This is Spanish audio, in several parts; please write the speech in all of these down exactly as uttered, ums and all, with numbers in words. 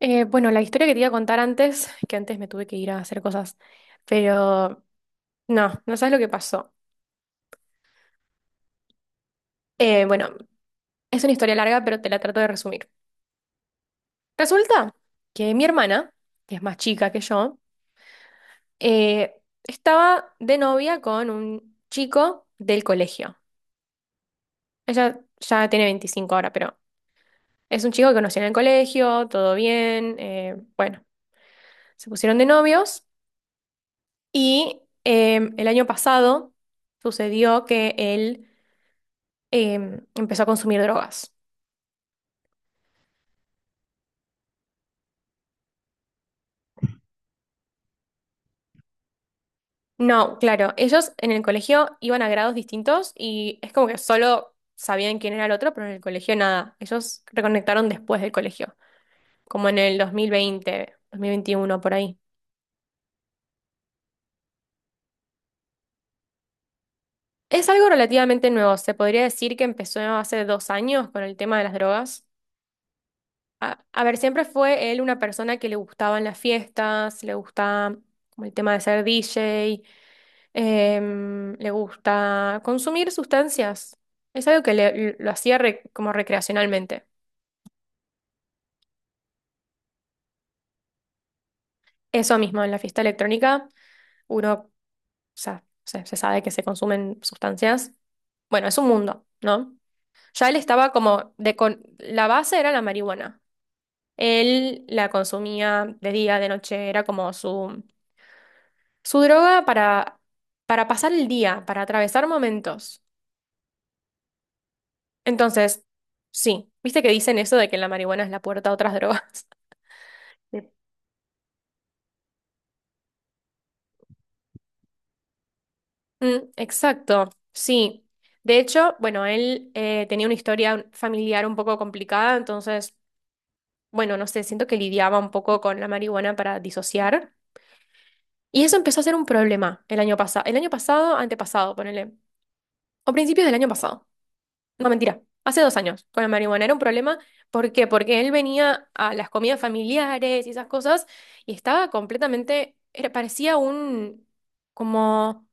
Eh, bueno, la historia que te iba a contar antes, que antes me tuve que ir a hacer cosas, pero no, no sabes lo que pasó. Eh, bueno, es una historia larga, pero te la trato de resumir. Resulta que mi hermana, que es más chica que yo, eh, estaba de novia con un chico del colegio. Ella ya tiene veinticinco ahora, pero es un chico que conocí en el colegio, todo bien, eh, bueno, se pusieron de novios y em, el año pasado sucedió que él em, empezó a consumir drogas. No, claro, ellos en el colegio iban a grados distintos y es como que solo sabían quién era el otro, pero en el colegio nada. Ellos reconectaron después del colegio, como en el dos dos mil veinte, dos mil veintiuno por ahí. Es algo relativamente nuevo, se podría decir que empezó hace dos años con el tema de las drogas. A, a ver, siempre fue él una persona que le gustaban las fiestas, le gustaba como el tema de ser D J. Em, le gusta consumir sustancias. Es algo que le- lo hacía re- como recreacionalmente. Eso mismo, en la fiesta electrónica uno, o sea, se, se sabe que se consumen sustancias. Bueno, es un mundo, ¿no? Ya él estaba como de con- la base era la marihuana. Él la consumía de día, de noche, era como su, su droga para, para pasar el día, para atravesar momentos. Entonces, sí, viste que dicen eso de que la marihuana es la puerta a otras drogas. de- Mm, exacto, sí. De hecho, bueno, él eh, tenía una historia familiar un poco complicada, entonces, bueno, no sé, siento que lidiaba un poco con la marihuana para disociar. Y eso empezó a ser un problema el año pasado, el año pasado, antepasado, ponele, o principios del año pasado. No, mentira, hace dos años con la marihuana era un problema. ¿Por qué? Porque él venía a las comidas familiares y esas cosas y estaba completamente, era- parecía un, como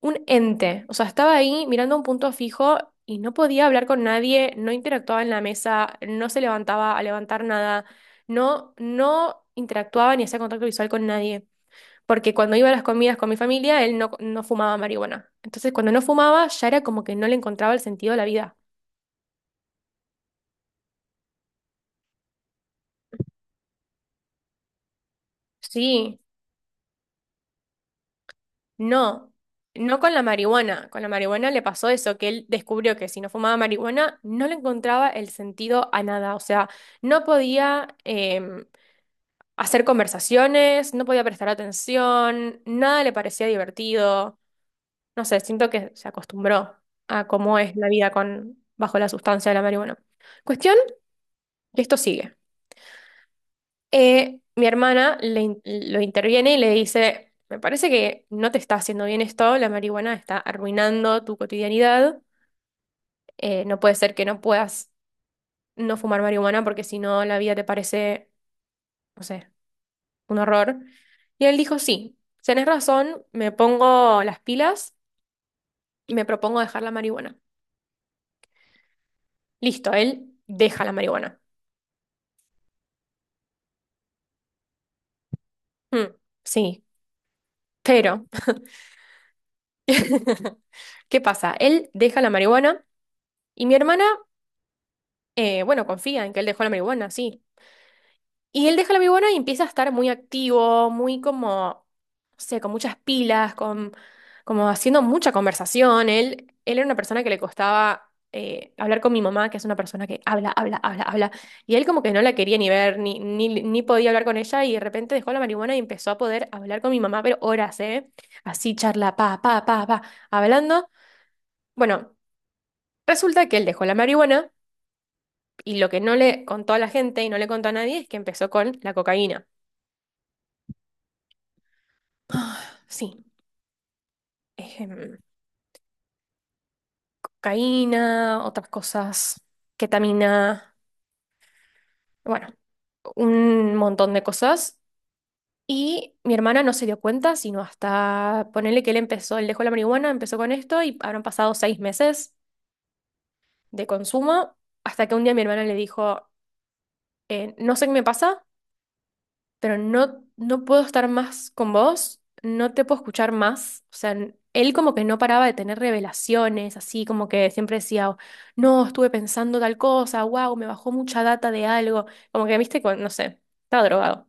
un ente. O sea, estaba ahí mirando un punto fijo y no podía hablar con nadie, no interactuaba en la mesa, no se levantaba a levantar nada, no, no interactuaba ni hacía contacto visual con nadie. Porque cuando iba a las comidas con mi familia, él no, no fumaba marihuana. Entonces, cuando no fumaba, ya era como que no le encontraba el sentido a la vida. Sí, no. No con la marihuana. Con la marihuana le pasó eso, que él descubrió que si no fumaba marihuana, no le encontraba el sentido a nada. O sea, no podía, em, hacer conversaciones, no podía prestar atención, nada le parecía divertido. No sé, siento que se acostumbró a cómo es la vida con, bajo la sustancia de la marihuana. Cuestión que esto sigue. Eh, mi hermana le in- lo interviene y le dice, me parece que no te está haciendo bien esto, la marihuana está arruinando tu cotidianidad, eh, no puede ser que no puedas no fumar marihuana porque si no la vida te parece, no sé, un horror. Y él dijo, sí, tenés razón, me pongo las pilas y me propongo dejar la marihuana. Listo, él deja la marihuana. Mm, sí, pero, ¿qué pasa? Él deja la marihuana y mi hermana, eh, bueno, confía en que él dejó la marihuana, sí. Y él deja la marihuana y empieza a estar muy activo, muy como, no sé, con muchas pilas, con, como haciendo mucha conversación. Él, él era una persona que le costaba eh, hablar con mi mamá, que es una persona que habla, habla, habla, habla. Y él como que no la quería ni ver, ni, ni, ni podía hablar con ella y de repente dejó la marihuana y empezó a poder hablar con mi mamá, pero horas, ¿eh? Así charla, pa, pa, pa, pa, hablando. Bueno, resulta que él dejó la marihuana y lo que no le contó a la gente y no le contó a nadie es que empezó con la cocaína. Ah, sí, ejem, cocaína, otras cosas, ketamina, bueno, un montón de cosas. Y mi hermana no se dio cuenta, sino hasta ponerle que él empezó, él dejó la marihuana, empezó con esto y habrán pasado seis meses de consumo, hasta que un día mi hermana le dijo, eh, no sé qué me pasa, pero no, no puedo estar más con vos, no te puedo escuchar más. O sea, n- él como que no paraba de tener revelaciones, así como que siempre decía, "Oh, no, estuve pensando tal cosa, wow, me bajó mucha data de algo". Como que, viste, con- no sé, estaba drogado.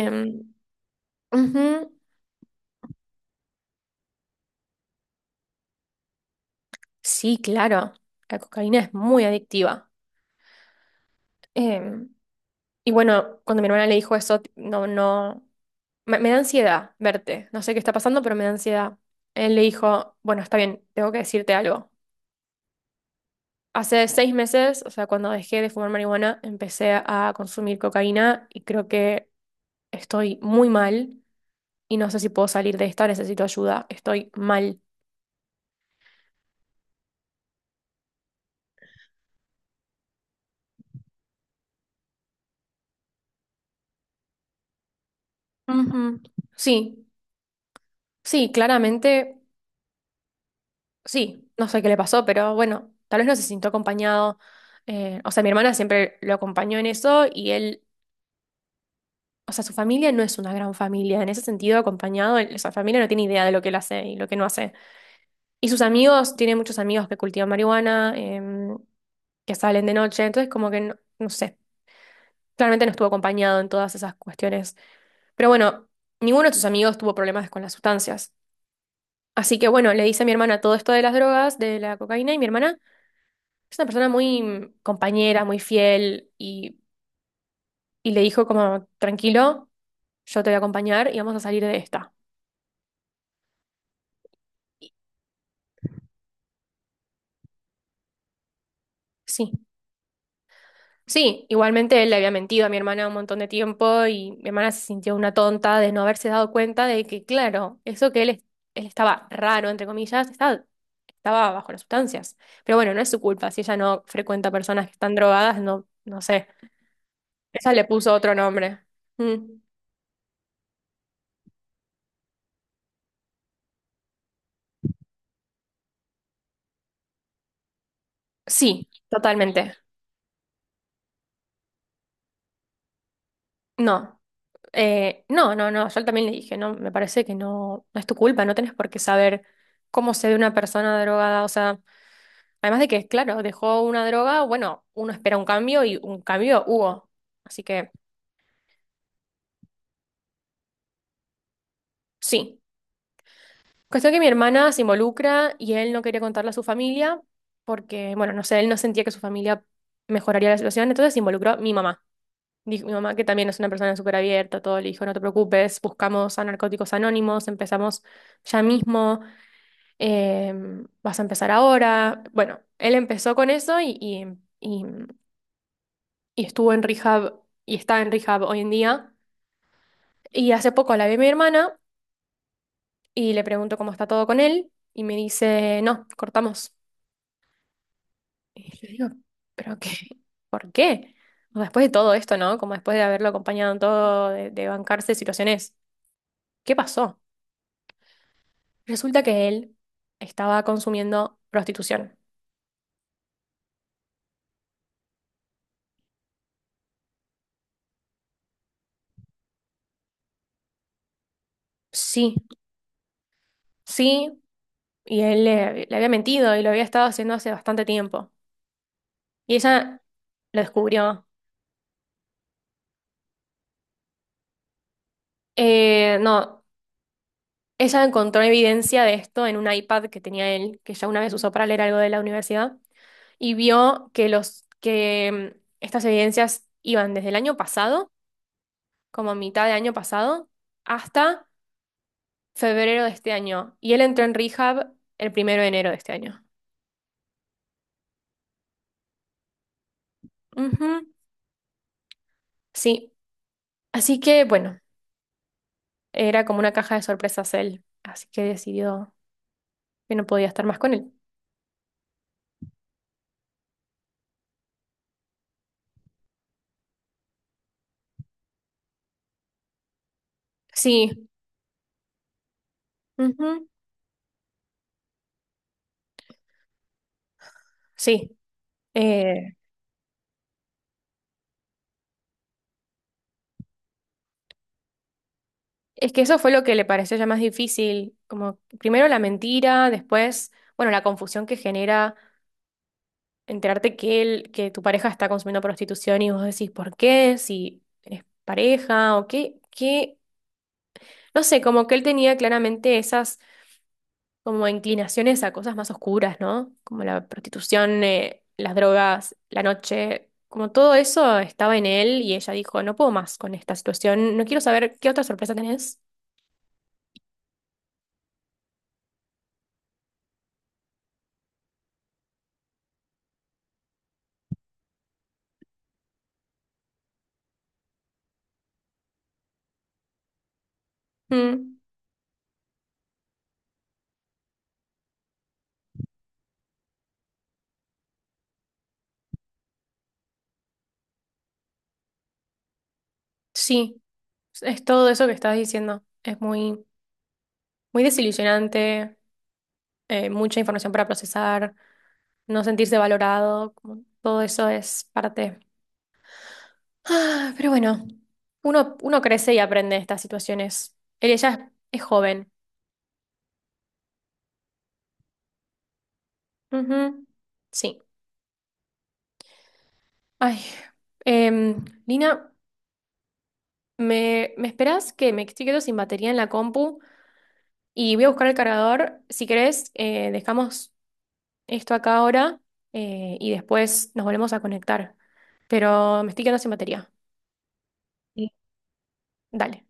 Em, ujú. Sí, claro, la cocaína es muy adictiva. Em, y bueno, cuando mi hermana le dijo eso, t- no, no, me, me da ansiedad verte, no sé qué está pasando, pero me da ansiedad. Él le dijo, bueno, está bien, tengo que decirte algo. Hace seis meses, o sea, cuando dejé de fumar marihuana, empecé a consumir cocaína y creo que estoy muy mal y no sé si puedo salir de esta, necesito ayuda, estoy mal. Ujú. Sí, sí, claramente, sí, no sé qué le pasó, pero bueno, tal vez no se sintió acompañado. Eh, o sea, mi hermana siempre lo acompañó en eso y él, o sea, su familia no es una gran familia, en ese sentido, acompañado, él- esa familia no tiene idea de lo que él hace y lo que no hace. Y sus amigos, tiene muchos amigos que cultivan marihuana, em, que salen de noche, entonces como que no, no sé, claramente no estuvo acompañado en todas esas cuestiones. Pero bueno, ninguno de sus amigos tuvo problemas con las sustancias. Así que bueno, le dice a mi hermana todo esto de las drogas, de la cocaína, y mi hermana es una persona muy mm, compañera, muy fiel, y, y le dijo como, tranquilo, yo te voy a acompañar y vamos a salir de esta. Sí. Sí, igualmente él le había mentido a mi hermana un montón de tiempo y mi hermana se sintió una tonta de no haberse dado cuenta de que, claro, eso que él, es- él estaba raro, entre comillas, estaba, estaba bajo las sustancias. Pero bueno, no es su culpa. Si ella no frecuenta personas que están drogadas, no, no sé. Ella le puso otro nombre. Mm, sí, totalmente. No. Eh, no, no, no, yo también le dije, no, me parece que no, no es tu culpa, no tenés por qué saber cómo se ve una persona drogada, o sea, además de que, claro, dejó una droga, bueno, uno espera un cambio y un cambio hubo. Así que, sí. Cuestión que mi hermana se involucra y él no quería contarle a su familia porque, bueno, no sé, él no sentía que su familia mejoraría la situación, entonces se involucró mi mamá. Dijo mi mamá que también es una persona súper abierta, todo le dijo, no te preocupes, buscamos a Narcóticos Anónimos, empezamos ya mismo, eh, vas a empezar ahora. Bueno, él empezó con eso y, y, y y estuvo en rehab y está en rehab hoy en día. Y hace poco la vi a mi hermana y le pregunto cómo está todo con él y me dice, no, cortamos. Y yo digo, ¿pero qué? ¿Por qué? O sea, después de todo esto, ¿no? Como después de haberlo acompañado en todo, de, de bancarse situaciones. ¿Qué pasó? Resulta que él estaba consumiendo prostitución. Sí, sí, y él le, le había mentido y lo había estado haciendo hace bastante tiempo. Y ella lo descubrió. Eh, no. Ella encontró evidencia de esto en un iPad que tenía él, que ya una vez usó para leer algo de la universidad, y vio que los que mm, estas evidencias iban desde el año pasado, como a mitad de año pasado, hasta febrero de este año. Y él entró en rehab el primero de enero de este año. Ujú, sí. Así que, bueno, era como una caja de sorpresas él. Así que decidió que no podía estar más con él. Sí. Ujú, sí. Eh, es que eso fue lo que le pareció ya más difícil, como primero la mentira, después, bueno, la confusión que genera enterarte que él, que tu pareja está consumiendo prostitución y vos decís, ¿por qué? Si es pareja o qué, qué, no sé, como que él tenía claramente esas como inclinaciones a cosas más oscuras, ¿no? Como la prostitución, eh, las drogas, la noche, como todo eso estaba en él y ella dijo, no puedo más con esta situación, no quiero saber qué otra sorpresa tenés. Mm. Sí, es todo eso que estás diciendo. Es muy, muy desilusionante, eh, mucha información para procesar, no sentirse valorado, como todo eso es parte. Ah, pero bueno, uno, uno crece y aprende de estas situaciones. Él ella es, es joven. Ujú, sí. Ay, em, Lina, ¿me, me esperás que me estoy quedando sin batería en la compu? Y voy a buscar el cargador. Si querés, eh, dejamos esto acá ahora eh, y después nos volvemos a conectar. Pero me estoy quedando sin batería. Sí. Dale.